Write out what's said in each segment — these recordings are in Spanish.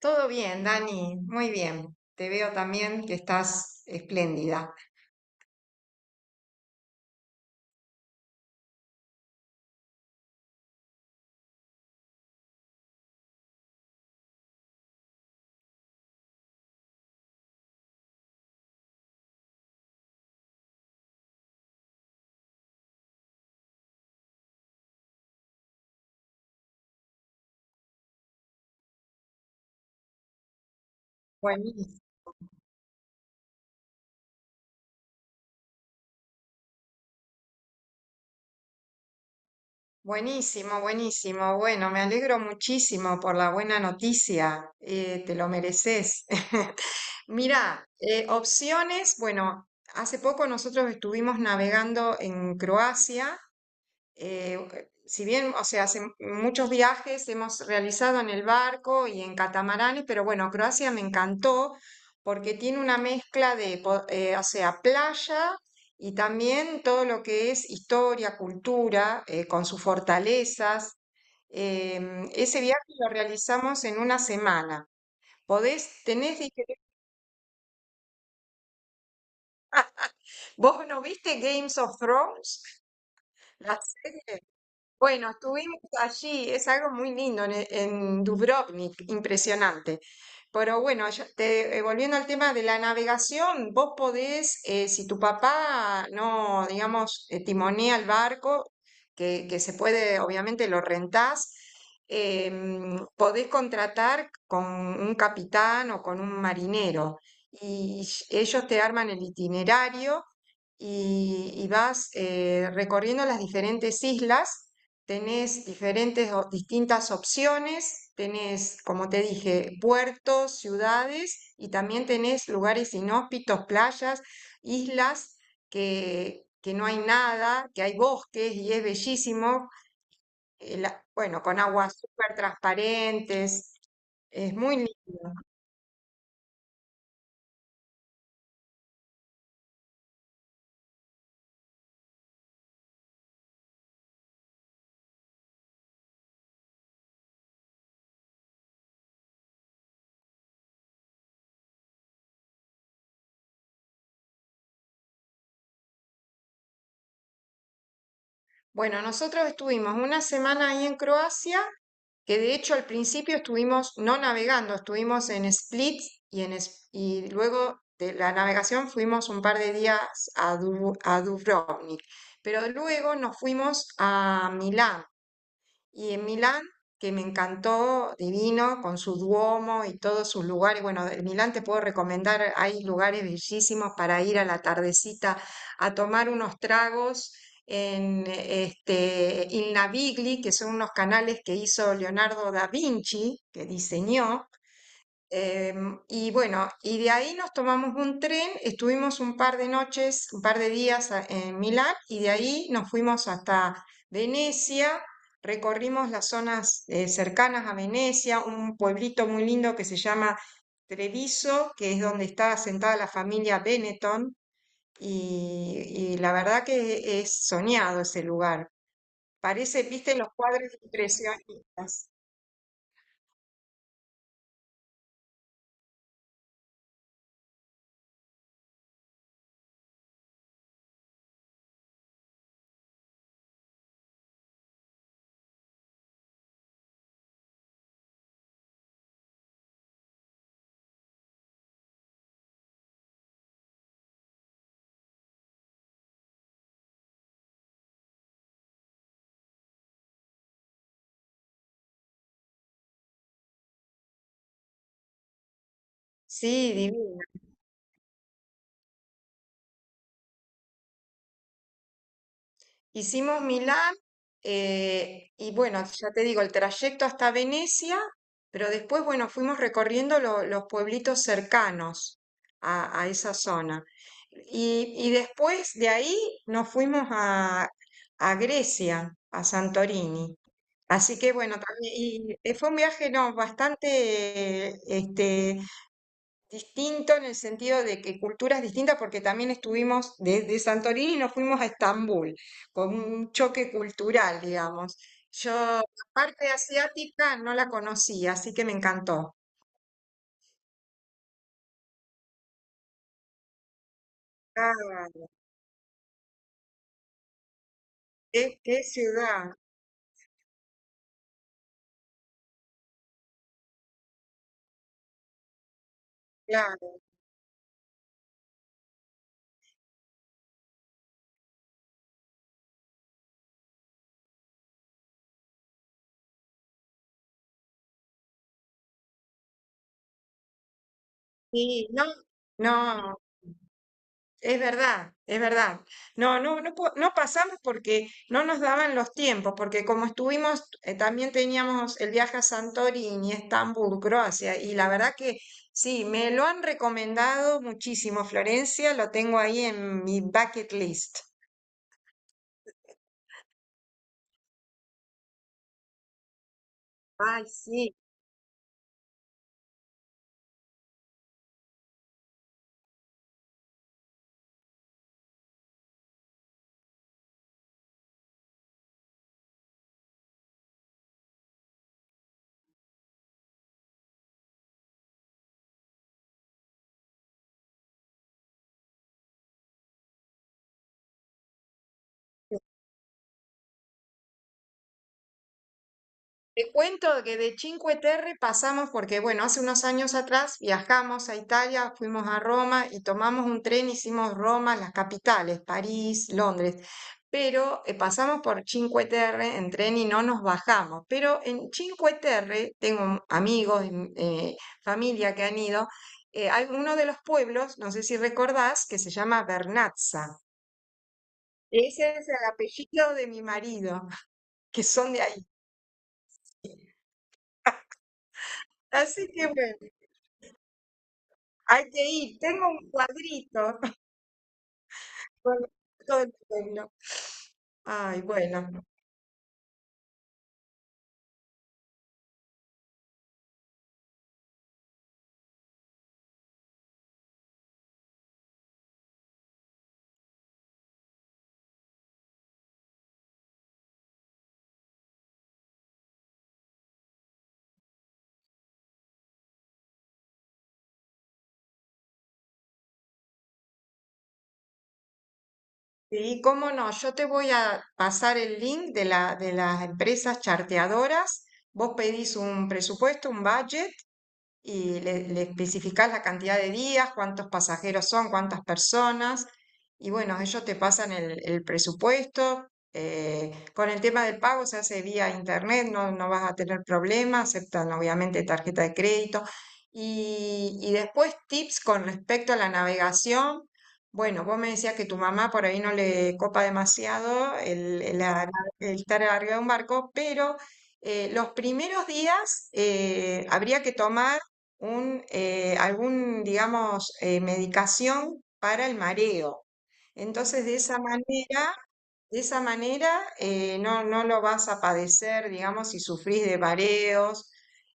Todo bien, Dani, muy bien. Te veo también que estás espléndida. Buenísimo, buenísimo, buenísimo. Bueno, me alegro muchísimo por la buena noticia. Te lo mereces. Mira, opciones. Bueno, hace poco nosotros estuvimos navegando en Croacia, ok, si bien, o sea, hace muchos viajes hemos realizado en el barco y en catamaranes, pero bueno, Croacia me encantó porque tiene una mezcla de, o sea, playa, y también todo lo que es historia, cultura, con sus fortalezas. Ese viaje lo realizamos en una semana. Podés, tenés, dije, ¿vos no viste Games of Thrones? La serie. Bueno, estuvimos allí, es algo muy lindo en, en Dubrovnik, impresionante. Pero bueno, volviendo al tema de la navegación, vos podés, si tu papá no, digamos, timonea el barco, que se puede, obviamente lo rentás, podés contratar con un capitán o con un marinero, y ellos te arman el itinerario y vas recorriendo las diferentes islas. Tenés diferentes o distintas opciones, tenés, como te dije, puertos, ciudades, y también tenés lugares inhóspitos, playas, islas que no hay nada, que hay bosques y es bellísimo. Bueno, con aguas súper transparentes, es muy lindo. Bueno, nosotros estuvimos una semana ahí en Croacia, que de hecho al principio estuvimos no navegando, estuvimos en Split y, y luego de la navegación fuimos un par de días a, a Dubrovnik, pero luego nos fuimos a Milán. Y en Milán, que me encantó, divino, con su Duomo y todos sus lugares. Bueno, en Milán te puedo recomendar, hay lugares bellísimos para ir a la tardecita a tomar unos tragos en este Il Navigli, que son unos canales que hizo Leonardo da Vinci, que diseñó. Y bueno, y de ahí nos tomamos un tren, estuvimos un par de noches, un par de días en Milán, y de ahí nos fuimos hasta Venecia, recorrimos las zonas cercanas a Venecia, un pueblito muy lindo que se llama Treviso, que es donde está asentada la familia Benetton, y, y la verdad que es soñado ese lugar. Parece, viste, los cuadros impresionistas. Sí, divino. Hicimos Milán, y bueno, ya te digo, el trayecto hasta Venecia, pero después, bueno, fuimos recorriendo los pueblitos cercanos a esa zona. Y después de ahí nos fuimos a Grecia, a Santorini. Así que bueno, también, y fue un viaje no, bastante distinto, en el sentido de que culturas distintas, porque también estuvimos desde Santorini y nos fuimos a Estambul, con un choque cultural, digamos. Yo la parte asiática no la conocía, así que me encantó. Claro, qué, qué ciudad, claro. Sí, no, no, es verdad, es verdad. No, no, no, no pasamos porque no nos daban los tiempos, porque como estuvimos, también teníamos el viaje a Santorini, Estambul, Croacia, y la verdad que sí, me lo han recomendado muchísimo. Florencia, lo tengo ahí en mi bucket list. Ay, sí. Te cuento que de Cinque Terre pasamos porque, bueno, hace unos años atrás viajamos a Italia, fuimos a Roma y tomamos un tren, hicimos Roma, las capitales, París, Londres, pero pasamos por Cinque Terre en tren y no nos bajamos. Pero en Cinque Terre tengo amigos, familia que han ido, hay uno de los pueblos, no sé si recordás, que se llama Vernazza. Ese es el apellido de mi marido, que son de ahí. Así que bueno. Hay que ir, tengo un cuadrito con todo el pueblo. Ay, bueno. Sí, cómo no, yo te voy a pasar el link de la, de las empresas charteadoras. Vos pedís un presupuesto, un budget, y le especificás la cantidad de días, cuántos pasajeros son, cuántas personas, y bueno, ellos te pasan el presupuesto. Con el tema del pago se hace vía internet, no, no vas a tener problemas, aceptan obviamente tarjeta de crédito. Y después tips con respecto a la navegación. Bueno, vos me decías que tu mamá por ahí no le copa demasiado el, el estar arriba de un barco, pero los primeros días habría que tomar un, algún, digamos, medicación para el mareo. Entonces, de esa manera no, no lo vas a padecer, digamos, si sufrís de mareos,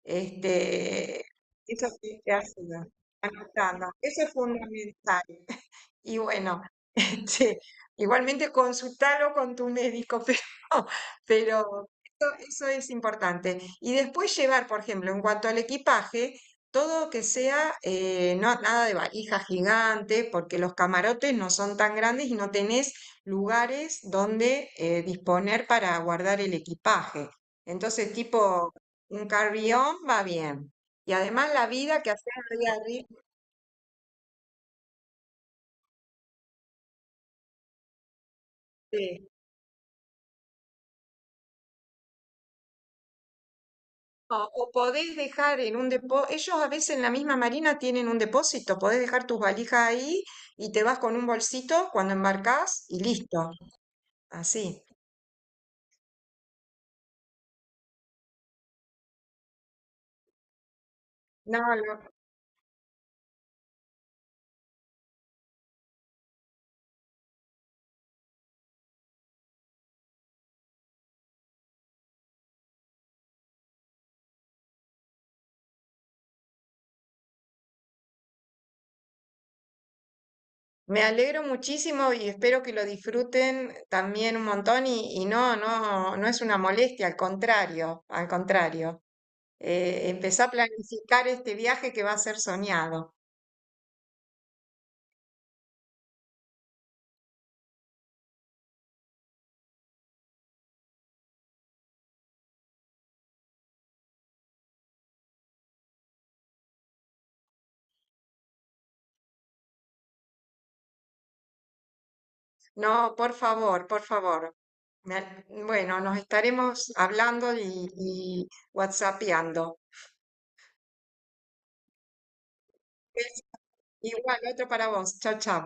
este, eso sí te ayuda. Anotando, eso es fundamental. Y bueno, este, igualmente consultalo con tu médico, pero eso es importante. Y después llevar, por ejemplo, en cuanto al equipaje, todo que sea, no, nada de valija gigante, porque los camarotes no son tan grandes y no tenés lugares donde disponer para guardar el equipaje. Entonces, tipo, un carry-on va bien. Y además la vida que hacemos día a día. O podés dejar en un depósito, ellos a veces en la misma marina tienen un depósito, podés dejar tus valijas ahí y te vas con un bolsito cuando embarcás y listo, así. No, lo- Me alegro muchísimo y espero que lo disfruten también un montón, y no, no, no es una molestia, al contrario, al contrario. Empezá a planificar este viaje que va a ser soñado. No, por favor, por favor. Bueno, nos estaremos hablando y whatsappeando. Igual, otro para vos. Chao, chao.